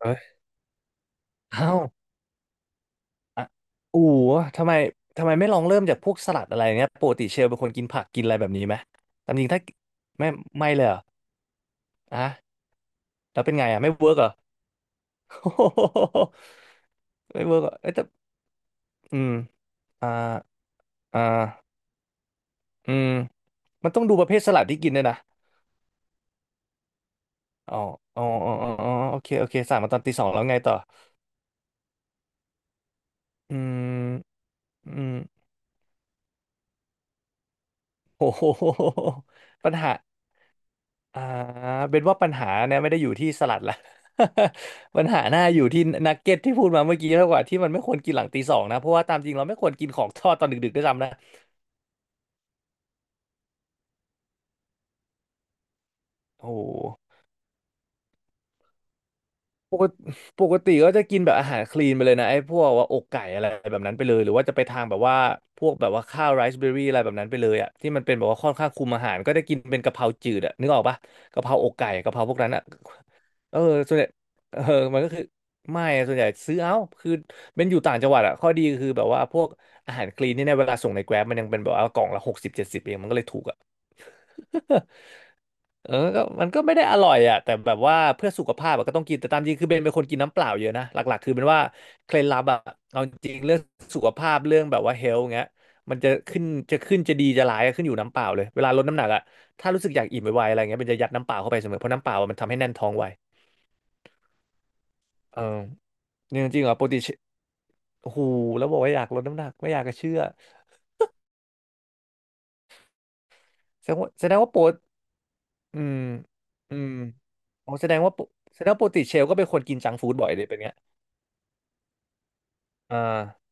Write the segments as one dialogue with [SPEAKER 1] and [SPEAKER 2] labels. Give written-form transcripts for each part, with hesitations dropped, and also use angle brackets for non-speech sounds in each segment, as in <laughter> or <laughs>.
[SPEAKER 1] เอ้ยอ้าวอ่ะอู๋ทำไมทำไมไม่ลองเริ่มจากพวกสลัดอะไรเงี้ยปกติเชลเป็นคนกินผักกินอะไรแบบนี้ไหมตามจริงถ้าไม่ไม่เลยเหรออ่ะแล้วเป็นไงอ่ะไม่เวิร์กเหรอ <laughs> ไม่เวิร์กเหรอเอ้ยแต่อืมอ่าอ่าอืมมันต้องดูประเภทสลัดที่กินด้วยนะอ๋ออ๋ออ๋ออ๋ออ๋อโอเคโอเคสั่งมาตอนตีสองแล้วไงต่ออืมอืมโอ้โห <laughs> ปัญหา อ่าเป็นว่าปัญหาเนี่ยไม่ได้อยู่ที่สลัดละ <laughs> ปัญหาหน้าอยู่ที่นักเก็ตที่พูดมาเมื่อกี้มากกว่าที่มันไม่ควรกินหลังตีสองนะเพราะว่าตามจริงเราไม่ควรกินของทอดตอนดึกๆด้วยซ้ำนะโอ้โห ปกติปกติก็จะกินแบบอาหารคลีนไปเลยนะไอ้พวกว่าอกไก่อะไรแบบนั้นไปเลยหรือว่าจะไปทางแบบว่าพวกแบบว่าข้าวไรซ์เบอร์รี่อะไรแบบนั้นไปเลยอ่ะที่มันเป็นแบบว่าค่อนข้างคุมอาหารก็จะกินเป็นกะเพราจืดอ่ะนึกออกปะกะเพราอกไก่กะเพราพวกนั้นอ่ะเออส่วนใหญ่เออมันก็คือไม่ส่วนใหญ่ซื้อเอาคือเป็นอยู่ต่างจังหวัดอ่ะข้อดีคือแบบว่าพวกอาหารคลีนนี่เนี่ยเวลาส่งในแกร็บมันยังเป็นแบบว่ากล่องละ6070เองมันก็เลยถูกอ่ะ เออก็มันก็ไม่ได้อร่อยอ่ะแต่แบบว่าเพื่อสุขภาพอะก็ต้องกิน แต่ตามจริงคือเบนเป็นคนกินน้ำเปล่าเยอะนะหลักๆคือเป็นว่าเคล็ดลับอะเอาจริงเรื่องสุขภาพเรื่องแบบว่าเฮลท์เงี้ยมันจะขึ้นจะขึ้นจะดีจะร้ายอะขึ้นอยู่น้ำเปล่าเลยเวลาลดน้ำหนักอะถ้ารู้สึกอยากอิ่มไวๆอะไรเงี้ยเบนจะยัดน้ำเปล่าเข้าไปเสมอเพราะน้ำเปล่าอะมันทำให้แน่นท้องไวเออจริงจริงเหรอปกติเชโอ้โหแล้วบอกว่าอยากลดน้ำหนักไม่อยากจะเชื่อแสดงว่าโปรดอืมอืมอ๋อแสดงว่าปกติเชลก็เป็นคนกินจังก์ฟู้ดบ่อยเลยเป็นเงี้ยอ่า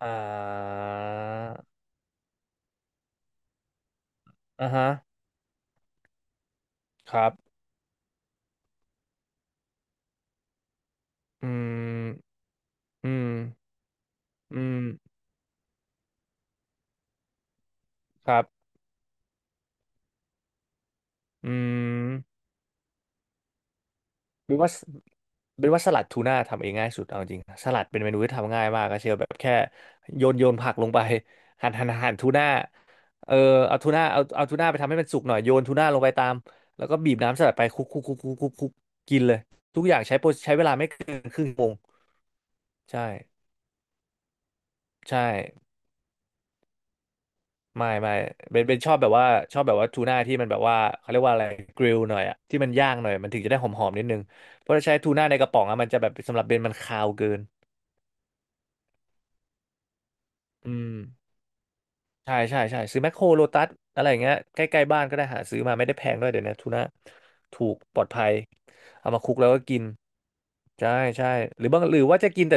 [SPEAKER 1] อ่าอ่าฮะครับอืมอืมอืมครับอืมเป็นว่าเป็นว่าสลัดทูน่าทำเองง่ายสุดเอาจริงสลัดเป็นเมนูที่ทำง่ายมากก็เชียวแบบแค่โยนโยนผักลงไป <laughs> หั่นหั่นหั่นทูน่าเออเอาทูน่าเอาทูน่าไปทำให้มันสุกหน่อยโยนทูน่าลงไปตามแล้วก็บีบน้ำสลัดไปคลุกคลุกคลุกคลุกคลุกคลุกกินเลยทุกอย่างใช้โปรใช้เวลาไม่เกินครึ่งชั่วโมงใช่ใช่ ไม่ไม่เป็นชอบแบบว่าทูน่าที่มันแบบว่าเขาเรียกว่าอะไรกริลหน่อยอะที่มันย่างหน่อยมันถึงจะได้หอมๆนิดนึงเพราะถ้าใช้ทูน่าในกระป๋องอะมันจะแบบสำหรับเบนมันคาวเกินอืมใช่ใช่ใช่ซื้อแมคโครโลตัสอะไรอย่างเงี้ยใกล้ๆบ้านก็ได้หาซื้อมาไม่ได้แพงด้วยเดี๋ยวนี้ทูน่าถูกปลอดภัยเอามาคลุกแล้วก็กินใช่ใช่หรือบางหรือว่าจะกินแต่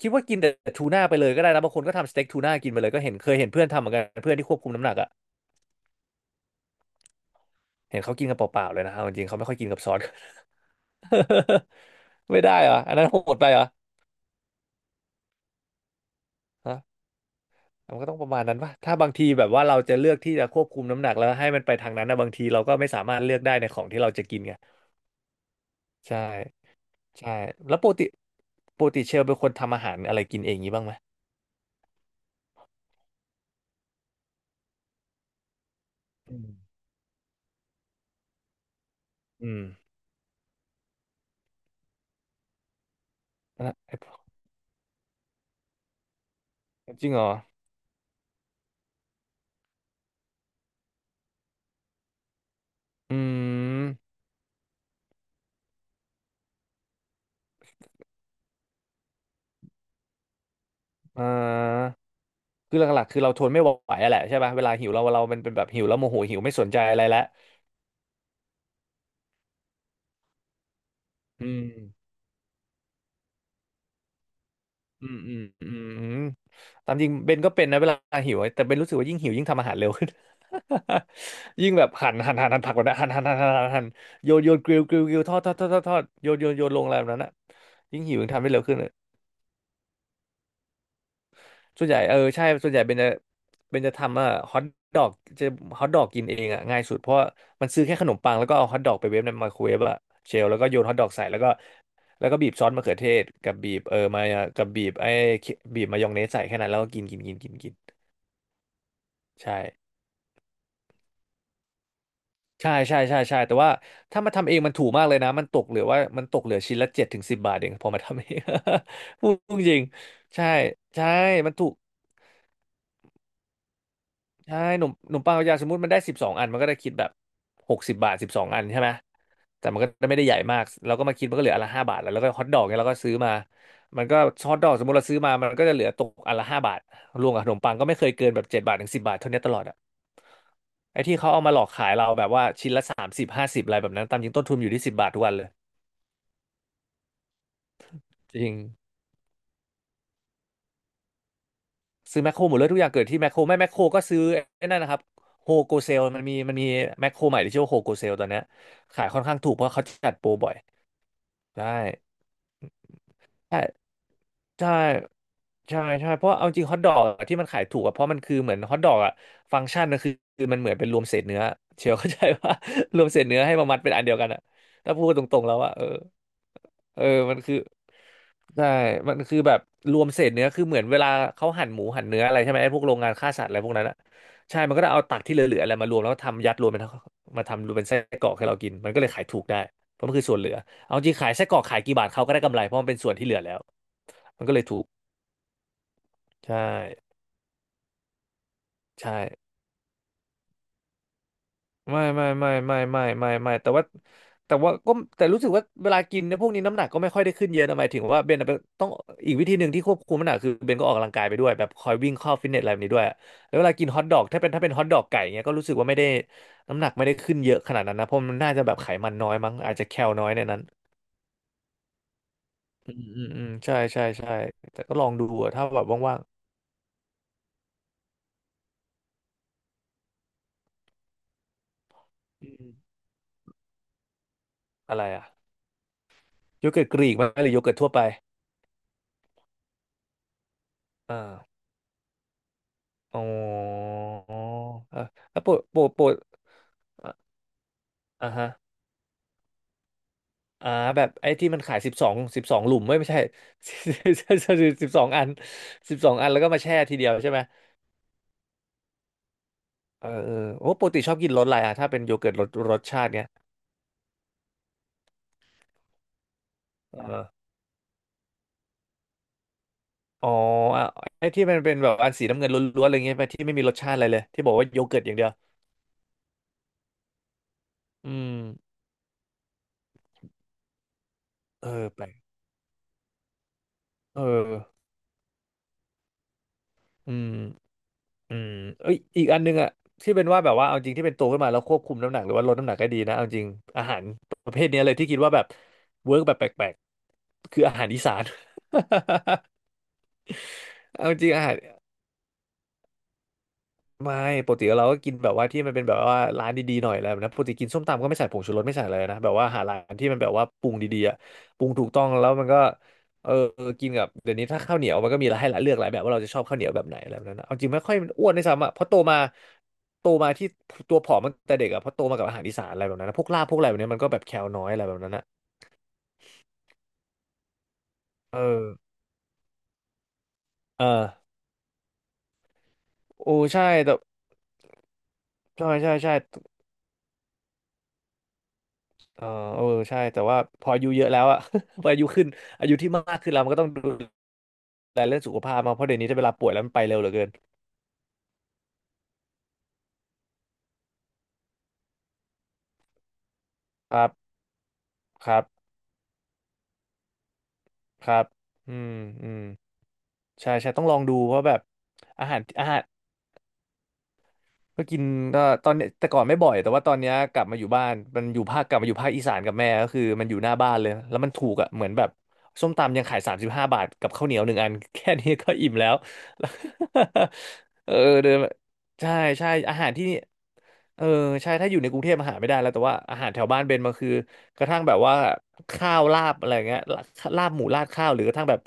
[SPEAKER 1] คิดว่ากินแต่ทูน่าไปเลยก็ได้นะบางคนก็ทำสเต็กทูน่ากินไปเลยก็เห็นเคยเห็นเพื่อนทำเหมือนกันเพื่อนที่ควบคุมน้ำหนักอะ เห็นเขากินกันเปล่าๆเลยนะเอาจริงๆเขาไม่ค่อยกินกับซอส <laughs> ไม่ได้เหรออันนั้นโหดไปเหรอฮะมันก็ต้องประมาณนั้นป่ะถ้าบางทีแบบว่าเราจะเลือกที่จะควบคุมน้ำหนักแล้วให้มันไปทางนั้นนะบางทีเราก็ไม่สามารถเลือกได้ในของที่เราจะกินไงใช่ใช่แล้วปกติเชลเป็นคนทำอาหารอะไรกินเองงี้บ้างไหมอืมอืมนะไอ้พวกจริงเหรออืมอ่าคือหลักๆคือเราทนไม่ไหวอะแหละใช่ป่ะเวลาหิวเรามันเป็นแบบหิวแล้วโมโหหิวไม่สนใจอะไรแล้วอืม อืมอืมอืมอืมตามจริงเบนก็เป็นนะเวลาหิวแต่เบนรู้สึกว่ายิ่งหิวยิ่งทำอาหารเร็วขึ้น <laughs> ยิ่งแบบหั่นหั่นหั่นหั่นผักแบบนั้นหั่นหั่นหั่นหั่นหั่นหั่นโยนโยนกริลกริลกริลทอดทอดทอดทอดทอดโยนโยนโยนลงอะไรแบบนั้นอ่ะยิ่งหิวยิ่งทำได้เร็วขึ้น ส่วนใหญ่เออใช่ส่วนใหญ่เป็นจะทำอ่ะฮอทดอกจะฮอทดอกกินเองอ่ะง่ายสุดเพราะว่ามันซื้อแค่ขนมปังแล้วก็เอาฮอทดอกไปเวฟในไมโครเวฟอ่ะเชลแล้วก็โยนฮอทดอกใส่แล้วก็บีบซอสมะเขือเทศกับบีบมายองกับเคบีบมายองเนสใส่แค่นั้นแล้วก็กินกินกินกินกินใช่ใช่ใช่ใช่ใช่แต่ว่าถ้ามาทำเองมันถูกมากเลยนะมันตกเหลือว่ามันตกเหลือชิ้นละ7 ถึง 10 บาทเองพอมาทำเอง <laughs> พูดจริงใช่ใช่มันถูก ใช่หนุ่มหนุ่มปังกับยางสมมติมันได้สิบสองอันมันก็ได้คิดแบบ60 บาทสิบสองอันใช่ไหมแต่มันก็ไม่ได้ใหญ่มากเราก็มาคิดมันก็เหลืออันละห้าบาทแล้วแล้วก็ฮอทดอกเนี่ยเราก็ซื้อมามันก็ฮอทดอกสมมติเราซื้อมามันก็จะเหลือตกอันละห้าบาทรวมกับขนมปังก็ไม่เคยเกินแบบ7 บาท ถึง 10 บาทเท่านี้ตลอดอะไอ้ที่เขาเอามาหลอกขายเราแบบว่าชิ้นละ30 50อะไรแบบนั้นตามจริงต้นทุนอยู่ที่สิบบาททุกวันเลยจริง ซื้อแมคโครหมดเลยทุกอย่างเกิดที่แมคโครไม่แมคโครก็ซื้อไอ้นั่นนะครับโฮโกเซลมันมีแมคโครใหม่ที่ชื่อว่าโฮโกเซลตอนเนี้ยขายค่อนข้างถูกเพราะเขาจัดโปรบ่อยได้ใช่ใช่ใช่ใช่เพราะเอาจริงฮอทดอกที่มันขายถูกอะเพราะมันคือเหมือนฮอทดอกอะฟังก์ชันนะคือมันเหมือนเป็นรวมเศษเนื้อเชียว <laughs> เข้าใจว่า <laughs> รวมเศษเนื้อให้มามัดเป็นอันเดียวกันอะถ้าพูดตรงๆแล้วอะเออมันคือ ใช่มันคือแบบรวมเศษเนื้อคือเหมือนเวลาเขาหั่นหมูหั่นเนื้ออะไรใช่ไหมไอ้พวกโรงงานฆ่าสัตว์อะไรพวกนั้นอะใช่มันก็ได้เอาตักที่เหลือๆอะไรมารวมแล้วทำยัดรวมเป็นมาทำรวมเป็นไส้กรอกให้เรากินมันก็เลยขายถูกได้เพราะมันคือส่วนเหลือเอาจริงขายไส้กรอกขายกี่บาทเขาก็ได้กำไรเพราะมันเป็นส่วนที่เหลือแล้วมันก็เลยถูกใช่ใช่ ไม่ไม่ไม่ไม่ไม่ไม่ไม่แต่ว่าก็แต่รู้สึกว่าเวลากินเนี่ยพวกนี้น้ำหนักก็ไม่ค่อยได้ขึ้นเยอะนะหมายถึงว่าเบนอะเป็นต้องอีกวิธีหนึ่งที่ควบคุมน้ำหนักคือเบนก็ออกกำลังกายไปด้วยแบบคอยวิ่งเข้าฟิตเนสอะไรแบบนี้ด้วยแล้วเวลากินฮอทดอกถ้าเป็นฮอทดอกไก่เงี้ยก็รู้สึกว่าไม่ได้น้ำหนักไม่ได้ขึ้นเยอะขนาดนั้นนะเพราะมันน่าจะแบบไขมันน้อยมั้งอาจจะแคลน้อยในนั้นอืมอืมอืมใช่ใช่ใช่แต่ก็ลองดูอะถ้าแบบว่างๆอืมอะไรอะโยเกิร์ตกรีกไหมหรือโยเกิร์ตทั่วไปอ่าอ๋อเออแล้วปกปกปก อ่ะอ่าฮะอ่าแบบไอ้ที่มันขายสิบสองสิบสองหลุมไม่ไม่ใช่ <laughs> สิบสองอัน12 อันแล้วก็มาแช่ทีเดียวใช่ไหมเออเออโอ้ปกติชอบกินรสอะไรอ่ะถ้าเป็นโยเกิร์ตรสชาติเนี้ยเอออ๋ออ่ะไอ้ที่มันเป็นแบบอันสีน้ำเงินล้วนๆอะไรเงี้ยไปที่ไม่มีรสชาติอะไรเลยที่บอกว่าโยเกิร์ตอย่างเดียวอืมเออแปลกเอออืมอืมเอ้ยอีกอันนึงอะที่เป็นว่าแบบว่าเอาจริงที่เป็นโตขึ้นมาแล้วควบคุมน้ำหนักหรือว่าลดน้ำหนักก็ดีนะเอาจริงอาหารประเภทเนี้ยเลยที่คิดว่าแบบเวิร์กแบบแปลกๆ คืออาหารอีสาน <laughs> เอาจริงอาหารไม่ปกติเราก็กินแบบว่าที่มันเป็นแบบว่าร้านดีๆหน่อยอะไรแล้วนะปกติกินส้มตำก็ไม่ใส่ผงชูรสไม่ใส่อะไรนะแบบว่าหาร้านที่มันแบบว่าปรุงดีๆอะปรุงถูกต้องแล้วมันก็เออกินกับเดี๋ยวนี้ถ้าข้าวเหนียวมันก็มีให้เลือกหลายแบบว่าเราจะชอบข้าวเหนียวแบบไหนอะไรแบบนั้นนะเอาจริงไม่ค่อยอ้วนด้วยซ้ำอะเพราะโตมาที่ตัวผอมตั้งแต่เด็กอะเพราะโตมากับอาหารอีสานอะไรแบบนั้นนะพวกลาบพวกอะไรแบบนี้มันก็แบบแคลน้อยอะไรแบบนั้นนะเออเออโอ้ใช่แต่ใช่ใช่ใช่ เออเออใช่ แต่ว่าพออายุเยอะแล้วอะ <laughs> พออายุขึ้น อายุที่มากขึ้นแล้วมันก็ต้องดูแลเรื่องสุขภาพมากเพราะเดี๋ยวนี้ถ้าเวลาป่วยแล้วมันไปเร็วเหลือเกิน ครับ ครับครับอืมอืมใช่ใช่ต้องลองดูว่าแบบอาหาร ก็กินก็ตอนเนี้ยแต่ก่อนไม่บ่อยแต่ว่าตอนเนี้ยกลับมาอยู่บ้านมันอยู่ภาคกลับมาอยู่ภาคอีสานกับแม่ก็คือมันอยู่หน้าบ้านเลยแล้วมันถูกอ่ะเหมือนแบบส้มตำยังขาย35 บาทกับข้าวเหนียวหนึ่งอัน <laughs> แค่นี้ก็อิ่มแล้ว <laughs> เออเดินใช่ใช่อาหารที่นี่เออใช่ถ้าอยู่ในกรุงเทพอาหารไม่ได้แล้วแต่ว่าอาหารแถวบ้านเบนมันคือกระทั่งแบบว่าข้าวลาบอะไรเงี้ยลาบหมูราดข้าวหรือกระทั่งแบบ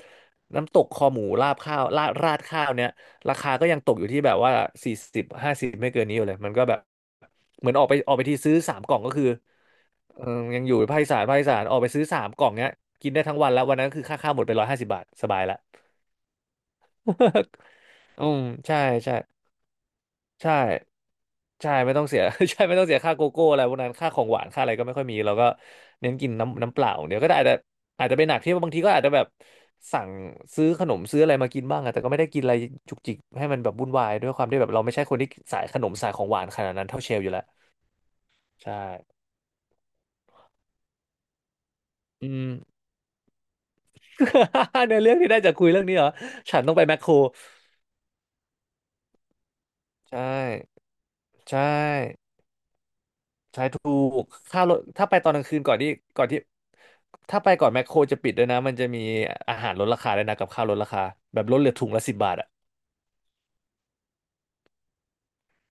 [SPEAKER 1] น้ำตกคอหมูราดข้าวราดข้าวเนี้ย ราคาก็ยังตกอยู่ที่แบบว่า40-50ไม่เกินนี้อยู่เลยมันก็แบบเหมือนออกไปที่ซื้อสามกล่องก็คือเออยังอยู่ภาคอีสานภาคอีสานออกไปซื้อสามกล่องเนี้ยกินได้ทั้งวันแล้ววันนั้นคือค่าข้าวหมดไป150 บาทสบายละ <laughs> อืมใช่ใช่ใช่ ใช่ไม่ต้องเสีย <laughs> ใช่ไม่ต้องเสียค่าโกโก้อะไรพวกนั้นค่าของหวานค่าอะไรก็ไม่ค่อยมีเราก็เน้นกินน้ำเปล่าเดี๋ยวก็ได้อาจจะเป็นหนักที่บางทีก็อาจจะแบบสั่งซื้อขนมซื้ออะไรมากินบ้างอะแต่ก็ไม่ได้กินอะไรจุกจิกให้มันแบบวุ่นวายด้วยความที่แบบเราไม่ใช่คนที่สายขนมสายของหวานขนาดนั้นเท่าเชลอยู่แล้วใช่อืม <laughs> ในเรื่องที่ได้จากคุยเรื่องนี้เหรอฉันต้องไปแมคโครใช่ใช่ ใช่ถูกค่ารถถ้าไปตอนกลางคืนก่อนที่ ถ้าไปก่อนแมคโครจะปิดด้วยนะ มันจะมีอาหารลดราคาด้วยนะ กับข้าวลดราคาแบบลดเหลือถุงละสิบบาทอ่ะ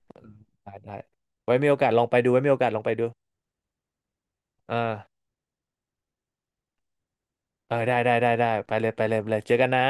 [SPEAKER 1] อืมได้ได้ไว้มีโอกาสลองไปดู ไว้มีโอกาสลองไปดูเออเออได้ได้ได้ได้ไปเลยไปเลยไปเลยเจอกันนะ